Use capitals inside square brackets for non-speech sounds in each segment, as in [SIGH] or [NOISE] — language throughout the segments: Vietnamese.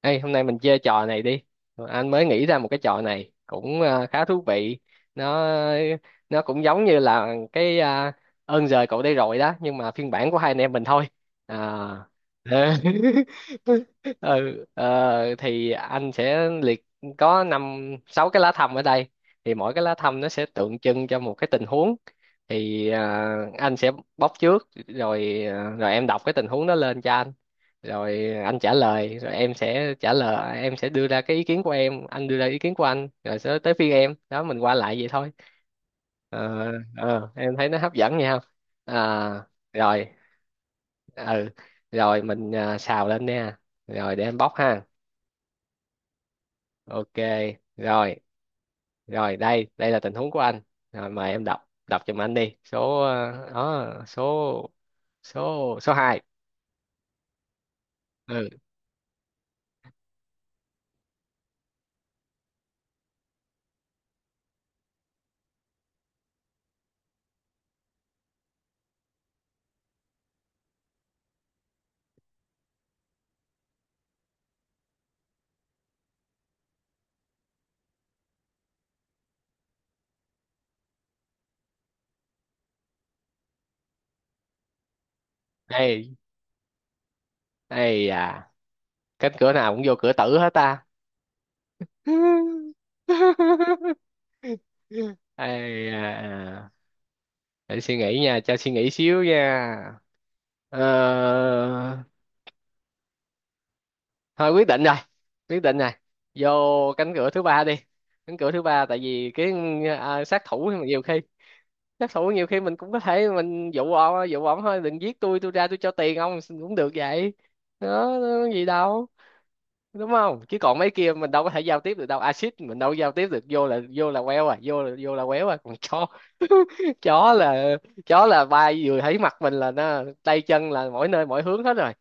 Ê, hôm nay mình chơi trò này đi. Anh mới nghĩ ra một cái trò này cũng khá thú vị. Nó nó cũng giống như là cái ơn giời cậu đây rồi đó, nhưng mà phiên bản của hai anh em mình thôi. À. Ờ. [LAUGHS] Ừ, thì anh sẽ liệt có năm sáu cái lá thăm ở đây. Thì mỗi cái lá thăm nó sẽ tượng trưng cho một cái tình huống. Thì anh sẽ bóc trước, rồi em đọc cái tình huống đó lên cho anh, rồi anh trả lời, rồi em sẽ trả lời, em sẽ đưa ra cái ý kiến của em, anh đưa ra ý kiến của anh, rồi sẽ tới phiên em đó, mình qua lại vậy thôi. ờ em thấy nó hấp dẫn nha không? À, rồi. Ừ. Rồi mình xào lên nha. Rồi để em bóc ha. Ok, rồi rồi đây đây là tình huống của anh. Rồi mời em đọc đọc giùm anh đi. Số đó, số số số 2. Ừ. đây đây à? Cánh cửa nào cũng vô cửa tử hết ta. [LAUGHS] Ai à. Để suy nghĩ nha, cho suy nghĩ xíu nha. Ờ, thôi, quyết định rồi, quyết định rồi, vô cánh cửa thứ ba đi. Cánh cửa thứ ba tại vì cái, à, sát thủ thì nhiều khi, sát thủ nhiều khi mình cũng có thể mình dụ ông, dụ ông thôi đừng giết tôi ra tôi cho tiền ông cũng được vậy đó. Đó, có gì đâu, đúng không? Chứ còn mấy kia mình đâu có thể giao tiếp được đâu, axit mình đâu có giao tiếp được, vô là queo à, vô là quéo à, còn chó [LAUGHS] chó là chó là bay vừa thấy mặt mình là nó tay chân là mỗi nơi mỗi hướng hết rồi.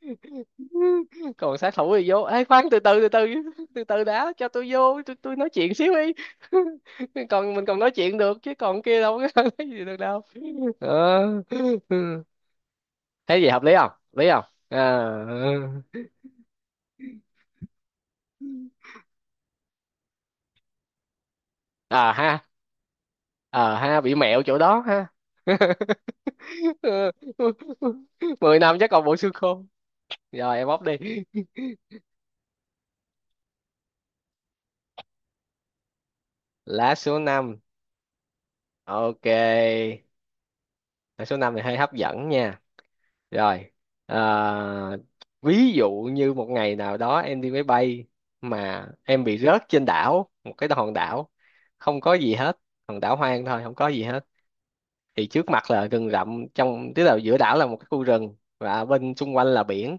[LAUGHS] Còn sát thủ thì vô, ê khoan, từ từ từ từ từ từ đã, cho tôi vô, tôi nói chuyện xíu đi. [LAUGHS] Còn mình còn nói chuyện được, chứ còn kia đâu có [LAUGHS] nói gì được đâu. Ờ. Thấy gì hợp lý không, hợp lý không? À, à ha. Ờ ha, bị mẹo chỗ đó ha. [LAUGHS] 10 năm chắc còn bộ xương khô. Rồi em bóc đi. lá số 5. Ok. lá số 5 thì hơi hấp dẫn nha. Rồi ờ, ví dụ như một ngày nào đó em đi máy bay mà em bị rớt trên đảo, một cái hòn đảo không có gì hết, hòn đảo hoang thôi, không có gì hết, thì trước mặt là rừng rậm, trong tức là giữa đảo là một cái khu rừng và bên xung quanh là biển.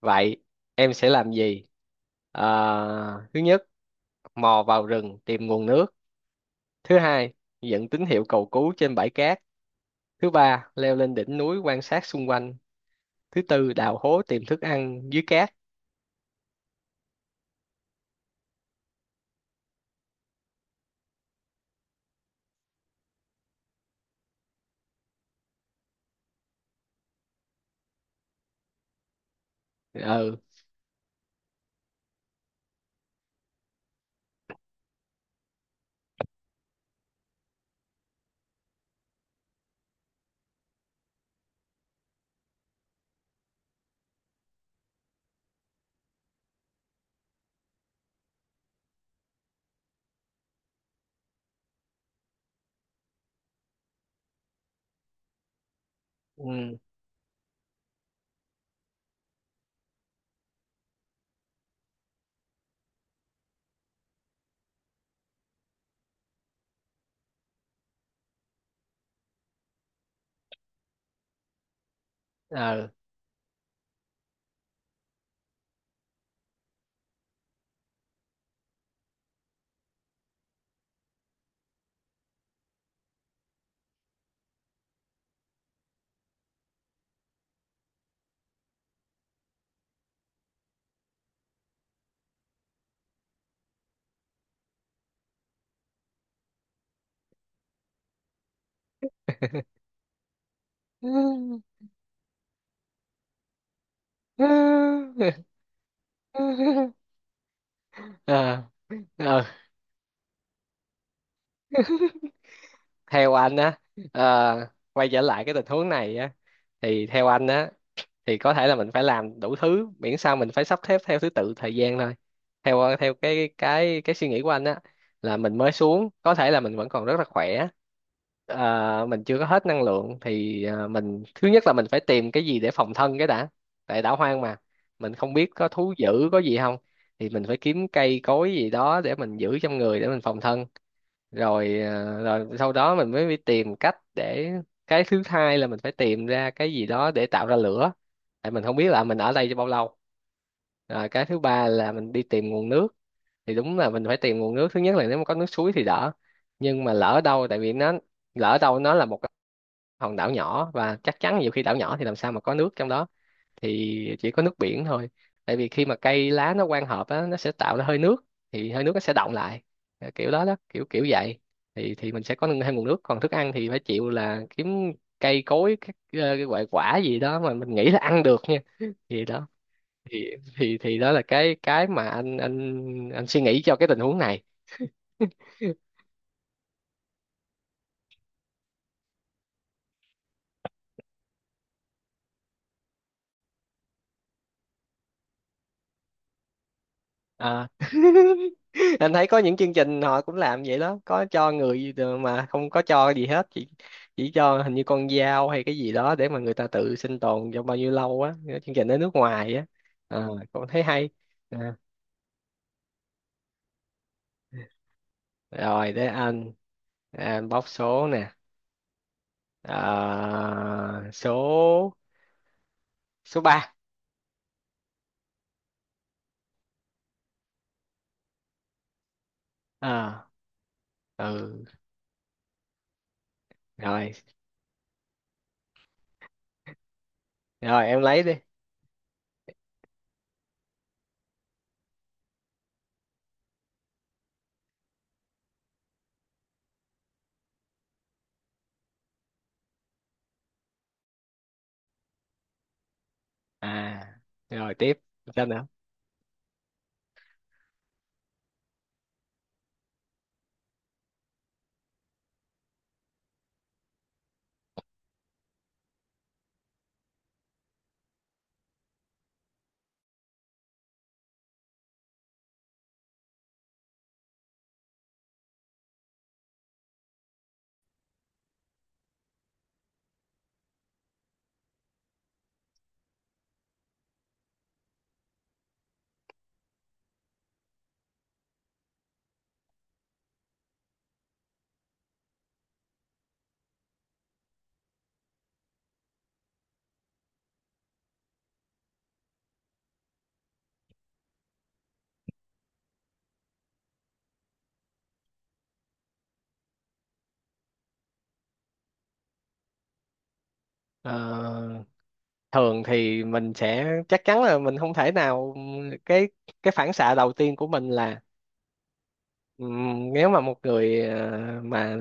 Vậy em sẽ làm gì? À, thứ nhất, mò vào rừng tìm nguồn nước. Thứ hai, dựng tín hiệu cầu cứu trên bãi cát. Thứ ba, leo lên đỉnh núi quan sát xung quanh. Thứ tư, đào hố tìm thức ăn dưới cát. Ừ. Ừ. Ừ. [LAUGHS] Ờ, ờ. Theo anh á, ờ, quay trở lại cái tình huống này á, thì theo anh á, thì có thể là mình phải làm đủ thứ, miễn sao mình phải sắp xếp theo thứ tự thời gian thôi. Theo theo cái cái suy nghĩ của anh á, là mình mới xuống có thể là mình vẫn còn rất là khỏe, mình chưa có hết năng lượng, thì mình, thứ nhất là mình phải tìm cái gì để phòng thân cái đã, tại đảo hoang mà, mình không biết có thú dữ có gì không, thì mình phải kiếm cây cối gì đó để mình giữ trong người để mình phòng thân. Rồi sau đó mình mới đi tìm cách để, cái thứ hai là mình phải tìm ra cái gì đó để tạo ra lửa, tại mình không biết là mình ở đây cho bao lâu. Rồi cái thứ ba là mình đi tìm nguồn nước. Thì đúng là mình phải tìm nguồn nước, thứ nhất là nếu mà có nước suối thì đỡ, nhưng mà lỡ đâu, tại vì nó, lỡ đâu nó là một cái hòn đảo nhỏ, và chắc chắn, nhiều khi đảo nhỏ thì làm sao mà có nước trong đó, thì chỉ có nước biển thôi. Tại vì khi mà cây lá nó quang hợp á, nó sẽ tạo ra hơi nước, thì hơi nước nó sẽ đọng lại. Ờ, kiểu đó đó, kiểu kiểu vậy, thì mình sẽ có thêm nguồn nước. Còn thức ăn thì phải chịu, là kiếm cây cối, các cái quả quả gì đó mà mình nghĩ là ăn được nha. Thì đó, thì đó là cái mà anh suy nghĩ cho cái tình huống này. [LAUGHS] Anh thấy có những chương trình họ cũng làm vậy đó, có cho người mà không có cho gì hết, chỉ cho hình như con dao hay cái gì đó để mà người ta tự sinh tồn trong bao nhiêu lâu á. Cái chương trình ở nước ngoài á. À, cũng thấy hay. À. Rồi để anh, Ờ, anh bóc số nè. À, số số 3. À, ừ, rồi rồi em lấy đi. À, rồi, tiếp sao nữa? Ờ, thường thì mình sẽ chắc chắn là mình không thể nào, cái cái phản xạ đầu tiên của mình là nếu mà một người mà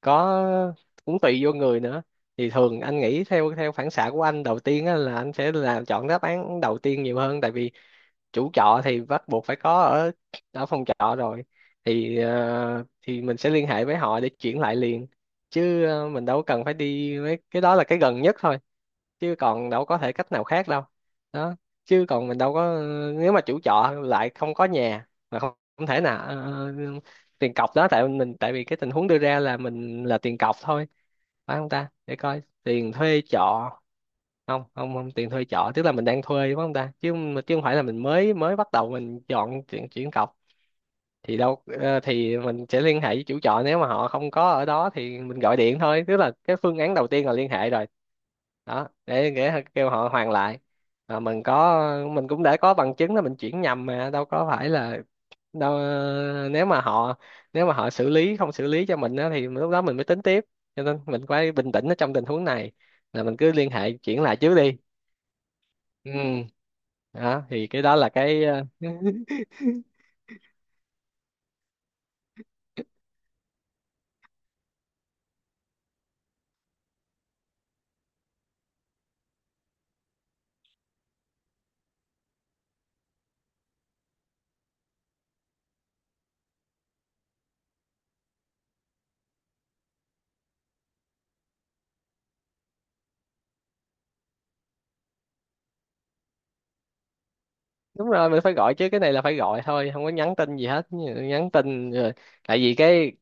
có, cũng tùy vô người nữa. Thì thường anh nghĩ theo theo phản xạ của anh đầu tiên á, là anh sẽ là chọn đáp án đầu tiên nhiều hơn, tại vì chủ trọ thì bắt buộc phải có ở ở phòng trọ rồi, thì thì mình sẽ liên hệ với họ để chuyển lại liền. Chứ mình đâu cần phải đi mấy cái đó, là cái gần nhất thôi, chứ còn đâu có thể cách nào khác đâu. Đó. Chứ còn mình đâu có, nếu mà chủ trọ lại không có nhà mà không thể nào tiền cọc đó tại mình, tại vì cái tình huống đưa ra là mình là tiền cọc thôi, phải không ta? Để coi, tiền thuê trọ. Không, không, không, tiền thuê trọ tức là mình đang thuê đúng không ta? Chứ chứ không phải là mình mới mới bắt đầu mình chọn chuyện chuyển cọc. Thì đâu, thì mình sẽ liên hệ với chủ trọ, nếu mà họ không có ở đó thì mình gọi điện thôi, tức là cái phương án đầu tiên là liên hệ rồi đó, để kêu họ hoàn lại. Mà mình có, mình cũng đã có bằng chứng là mình chuyển nhầm, mà đâu có phải là đâu, nếu mà họ, nếu mà họ xử lý, không xử lý cho mình á, thì lúc đó mình mới tính tiếp. Cho nên mình phải bình tĩnh ở trong tình huống này, là mình cứ liên hệ chuyển lại trước đi. Ừ, đó thì cái đó là cái đúng rồi, mình phải gọi chứ, cái này là phải gọi thôi, không có nhắn tin gì hết, nhắn tin rồi, tại vì cái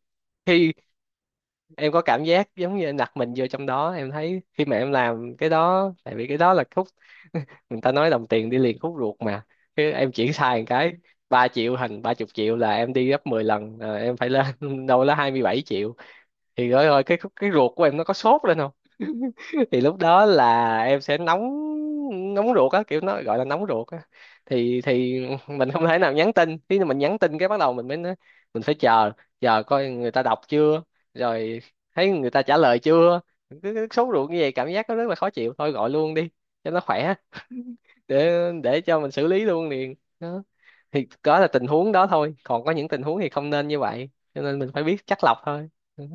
khi, em có cảm giác giống như em đặt mình vô trong đó, em thấy khi mà em làm cái đó, tại vì cái đó là khúc, người ta nói đồng tiền đi liền khúc ruột mà. Khi em chuyển sai một cái, 3 triệu thành 30 triệu là em đi gấp 10 lần, là em phải lên [LAUGHS] đâu đó 27 triệu, thì rồi, rồi cái khúc, cái ruột của em nó có sốt lên, thì lúc đó là em sẽ nóng, nóng ruột á, kiểu nó gọi là nóng ruột á. Thì mình không thể nào nhắn tin, khi mình nhắn tin cái bắt đầu mình mới nói, mình phải chờ, chờ coi người ta đọc chưa, rồi thấy người ta trả lời chưa, cứ cứ sốt ruột như vậy, cảm giác nó rất là khó chịu. Thôi gọi luôn đi cho nó khỏe, để để cho mình xử lý luôn liền đó. Thì đó là tình huống đó thôi, còn có những tình huống thì không nên như vậy, cho nên mình phải biết chắt lọc thôi. Ừ.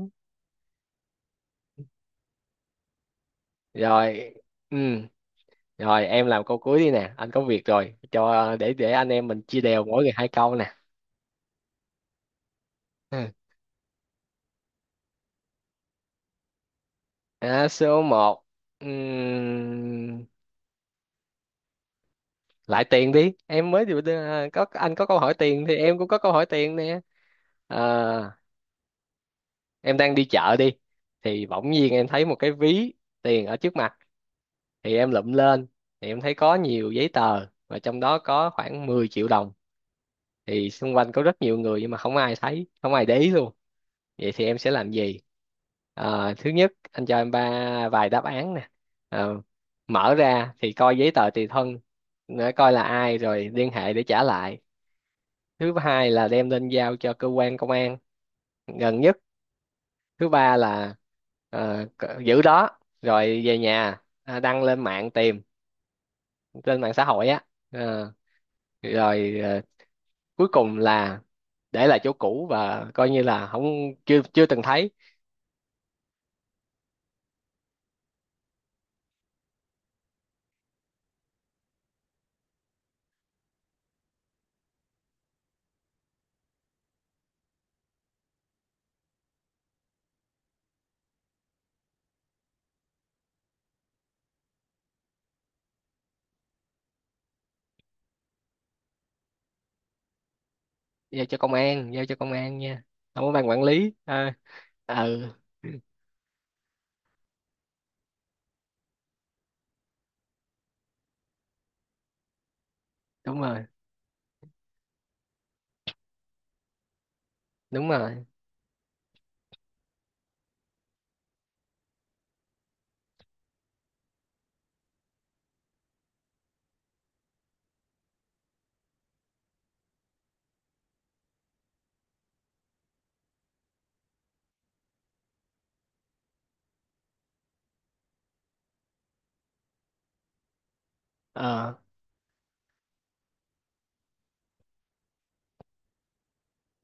Rồi. Ừ. Rồi em làm câu cuối đi nè, anh có việc rồi. Cho để anh em mình chia đều mỗi người hai câu nè. Ừ. À, số 1. Lại tiền đi. Em mới được à, có anh có câu hỏi tiền thì em cũng có câu hỏi tiền nè. À, em đang đi chợ đi thì bỗng nhiên em thấy một cái ví tiền ở trước mặt, thì em lụm lên, thì em thấy có nhiều giấy tờ và trong đó có khoảng 10 triệu đồng. Thì xung quanh có rất nhiều người nhưng mà không ai thấy, không ai để ý luôn. Vậy thì em sẽ làm gì? Ờ, thứ nhất, anh cho em ba vài đáp án nè. Ờ, mở ra thì coi giấy tờ tùy thân để coi là ai rồi liên hệ để trả lại. Thứ hai là đem lên giao cho cơ quan công an gần nhất. Thứ ba là c- giữ đó rồi về nhà đăng lên mạng tìm trên mạng xã hội á. Ờ, rồi cuối cùng là để lại chỗ cũ và coi như là không, chưa chưa từng thấy. Giao cho công an, giao cho công an nha, không có ban quản lý à. Ừ, đúng rồi, đúng rồi. Ờ,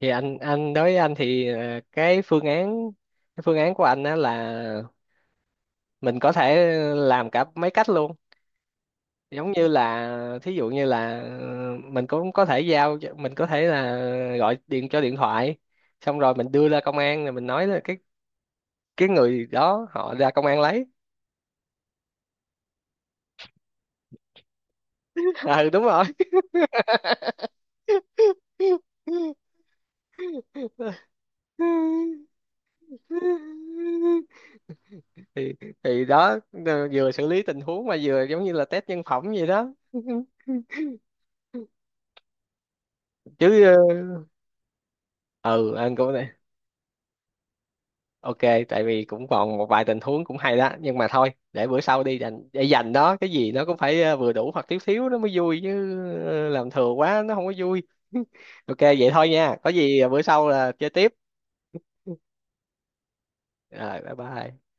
thì anh đối với anh thì cái phương án, cái phương án của anh á là mình có thể làm cả mấy cách luôn. Giống như là thí dụ như là mình cũng có thể giao cho, mình có thể là gọi điện cho điện thoại, xong rồi mình đưa ra công an, rồi mình nói là cái người đó họ ra công an lấy. [LAUGHS] Ừ, đúng rồi. [LAUGHS] thì thì đó, vừa xử lý tình huống mà vừa giống như là test nhân phẩm vậy đó. [LAUGHS] Chứ ừ anh cũng này. Ok, tại vì cũng còn một vài tình huống cũng hay đó, nhưng mà thôi để bữa sau đi, dành để dành đó, cái gì nó cũng phải vừa đủ hoặc thiếu thiếu nó mới vui chứ. Làm thừa quá nó không có vui. [LAUGHS] Ok vậy thôi nha, có gì bữa sau là chơi tiếp. Rồi bye bye.